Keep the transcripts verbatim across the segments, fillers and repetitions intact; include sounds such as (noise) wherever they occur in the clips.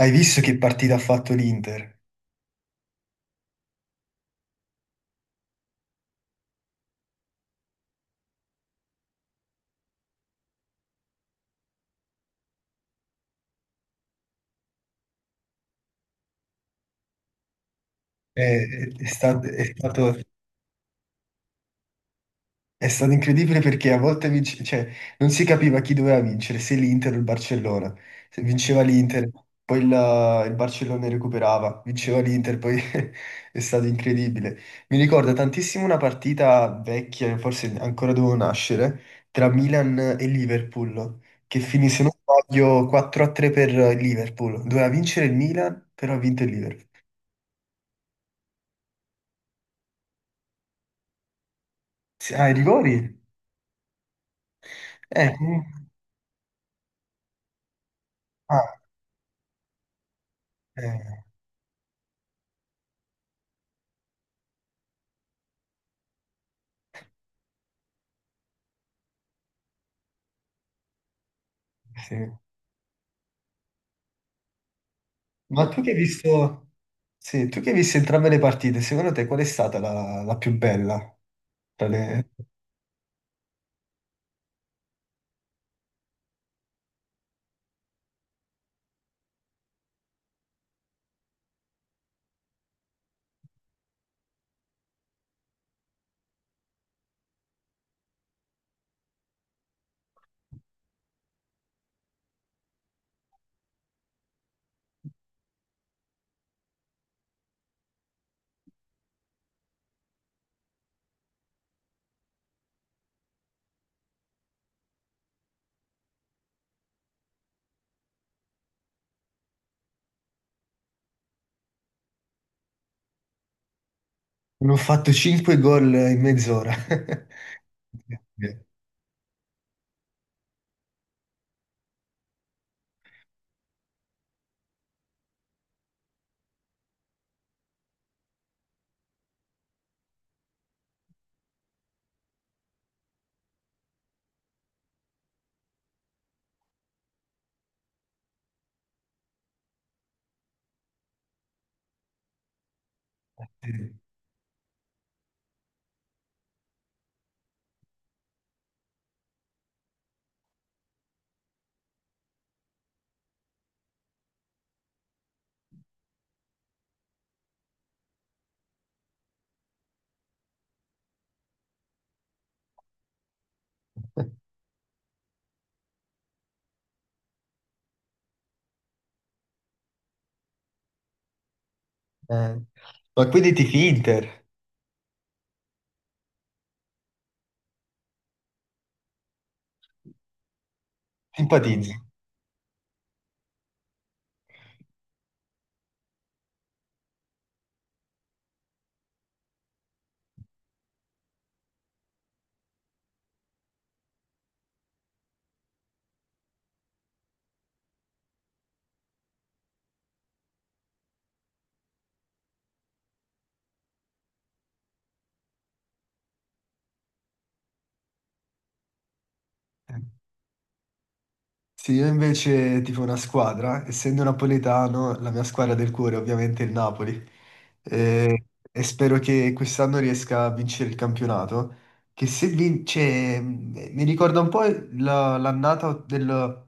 Hai visto che partita ha fatto l'Inter? È, è sta- è stato, è stato incredibile perché a volte vince- cioè, non si capiva chi doveva vincere, se l'Inter o il Barcellona. Se vinceva l'Inter, poi il, il Barcellona recuperava, vinceva l'Inter, poi (laughs) è stato incredibile. Mi ricorda tantissimo una partita vecchia, forse ancora dovevo nascere, tra Milan e Liverpool, che finì, se non sbaglio, quattro a tre per il Liverpool. Doveva vincere il Milan, però ha vinto il Liverpool. Sì, ah, i rigori? Eh, comunque- ah, eh, sì. Ma tu che hai visto, sì, tu che hai visto entrambe le partite, secondo te qual è stata la, la più bella? Tra le- Hanno fatto cinque gol in mezz'ora. (laughs) Eh, Ma quindi tifi Inter, simpatizzi. Sì, io invece tifo una squadra, essendo napoletano, la mia squadra del cuore ovviamente è ovviamente il Napoli. Eh, e spero che quest'anno riesca a vincere il campionato. Che se vince, m- mi ricorda un po' la- l'annata del,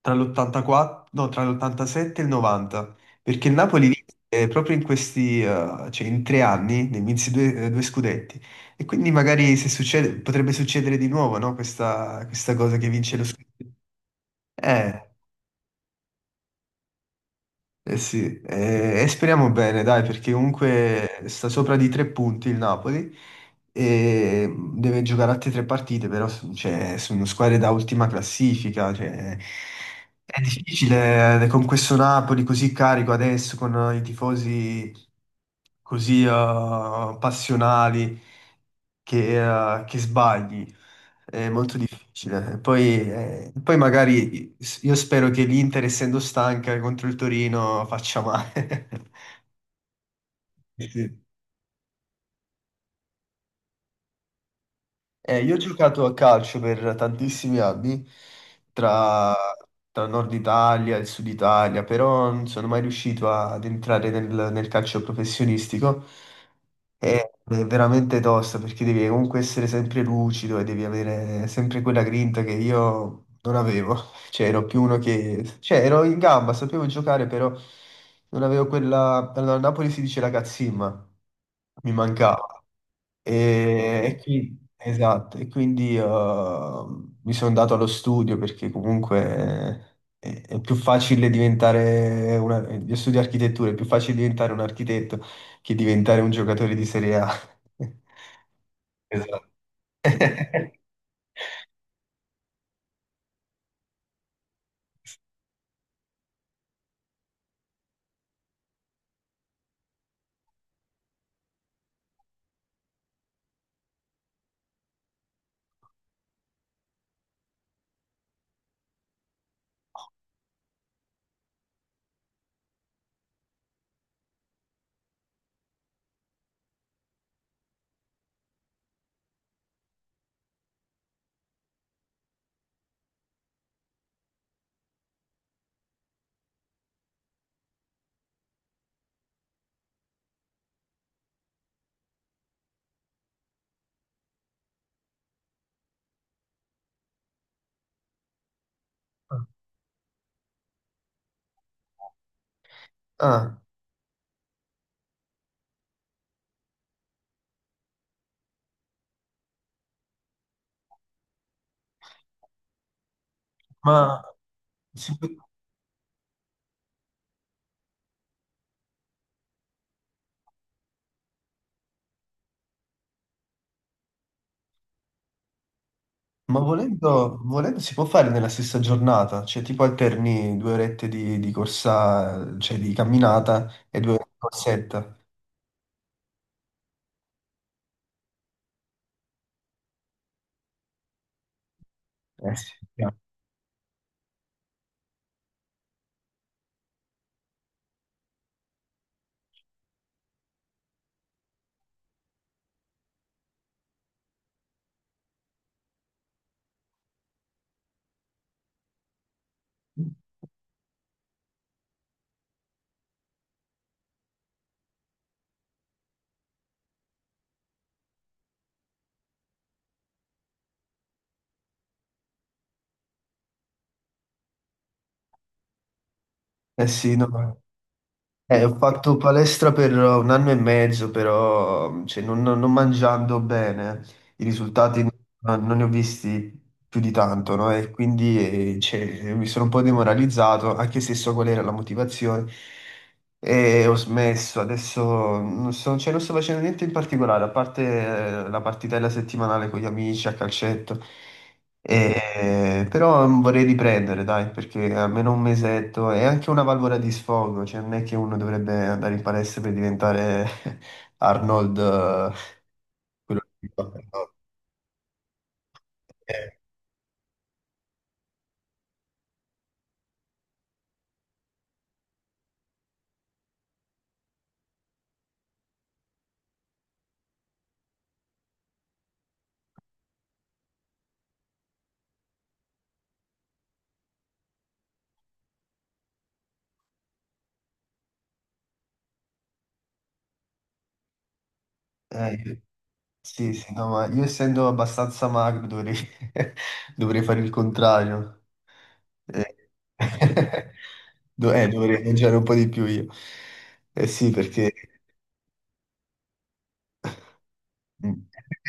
tra l'ottantaquattro, no, tra l'ottantasette e il novanta, perché il Napoli vinse proprio in questi, eh, cioè in tre anni, ne vinse due, eh, due scudetti. E quindi magari se succede, potrebbe succedere di nuovo, no? Questa, questa cosa che vince lo scudetto. Eh, eh sì, eh, e speriamo bene, dai, perché comunque sta sopra di tre punti il Napoli e deve giocare altre tre partite, però s- cioè, sono squadre da ultima classifica, cioè, è difficile eh, con questo Napoli così carico adesso, con i tifosi così eh, passionali che, eh, che sbagli. Difficile. Poi, eh, poi magari io spero che l'Inter, essendo stanca contro il Torino, faccia male. (laughs) Sì. Eh, io ho giocato a calcio per tantissimi anni, tra, tra Nord Italia e Sud Italia, però non sono mai riuscito ad entrare nel, nel calcio professionistico. È è veramente tosta perché devi comunque essere sempre lucido e devi avere sempre quella grinta che io non avevo. (laughs) Cioè, ero più uno che. Cioè, ero in gamba, sapevo giocare, però non avevo quella. Allora, a Napoli si dice la cazzimma, mi mancava. E, e qui- esatto, e quindi eh, mi sono dato allo studio perché comunque è, è più facile diventare una, io studio architettura, è più facile diventare un architetto che diventare un giocatore di Serie A. (laughs) Esatto. (laughs) Ah, ma, si può- ma volendo, volendo si può fare nella stessa giornata, cioè tipo alterni due orette di, di corsa, cioè di camminata e due orette di corsetta. Eh sì, chiaro. Eh sì, no. Eh, ho fatto palestra per un anno e mezzo, però cioè, non, non- non mangiando bene, i risultati non, non ne ho visti più di tanto, no? E quindi eh, cioè, mi sono un po' demoralizzato, anche se so qual era la motivazione, e ho smesso. Adesso non so, cioè, non sto facendo niente in particolare, a parte eh, la partitella settimanale con gli amici a calcetto. E- però mm, vorrei riprendere, dai, perché almeno un mesetto è anche una valvola di sfogo, cioè non è che uno dovrebbe andare in palestra per diventare (laughs) Arnold, eh, quello che fa, no? Eh, eh, sì, sì, no, ma io essendo abbastanza magro dovrei, (laughs) dovrei fare il contrario. Eh, (laughs) do- eh, dovrei mangiare un po' di più io. Eh sì, perché. Mm.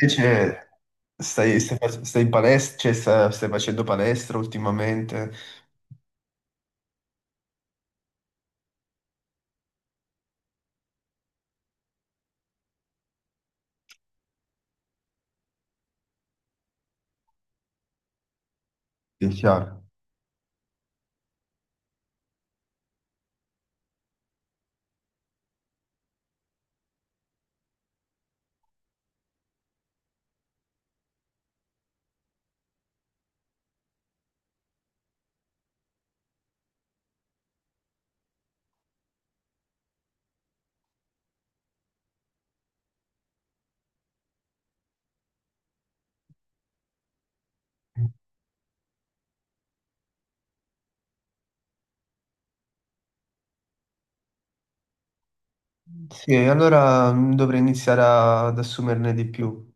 Invece stai, stai, fac- stai in palestra, cioè sta- stai, facendo palestra ultimamente? Sì, chiaro. Sì, allora mm, dovrei iniziare a- ad assumerne di più.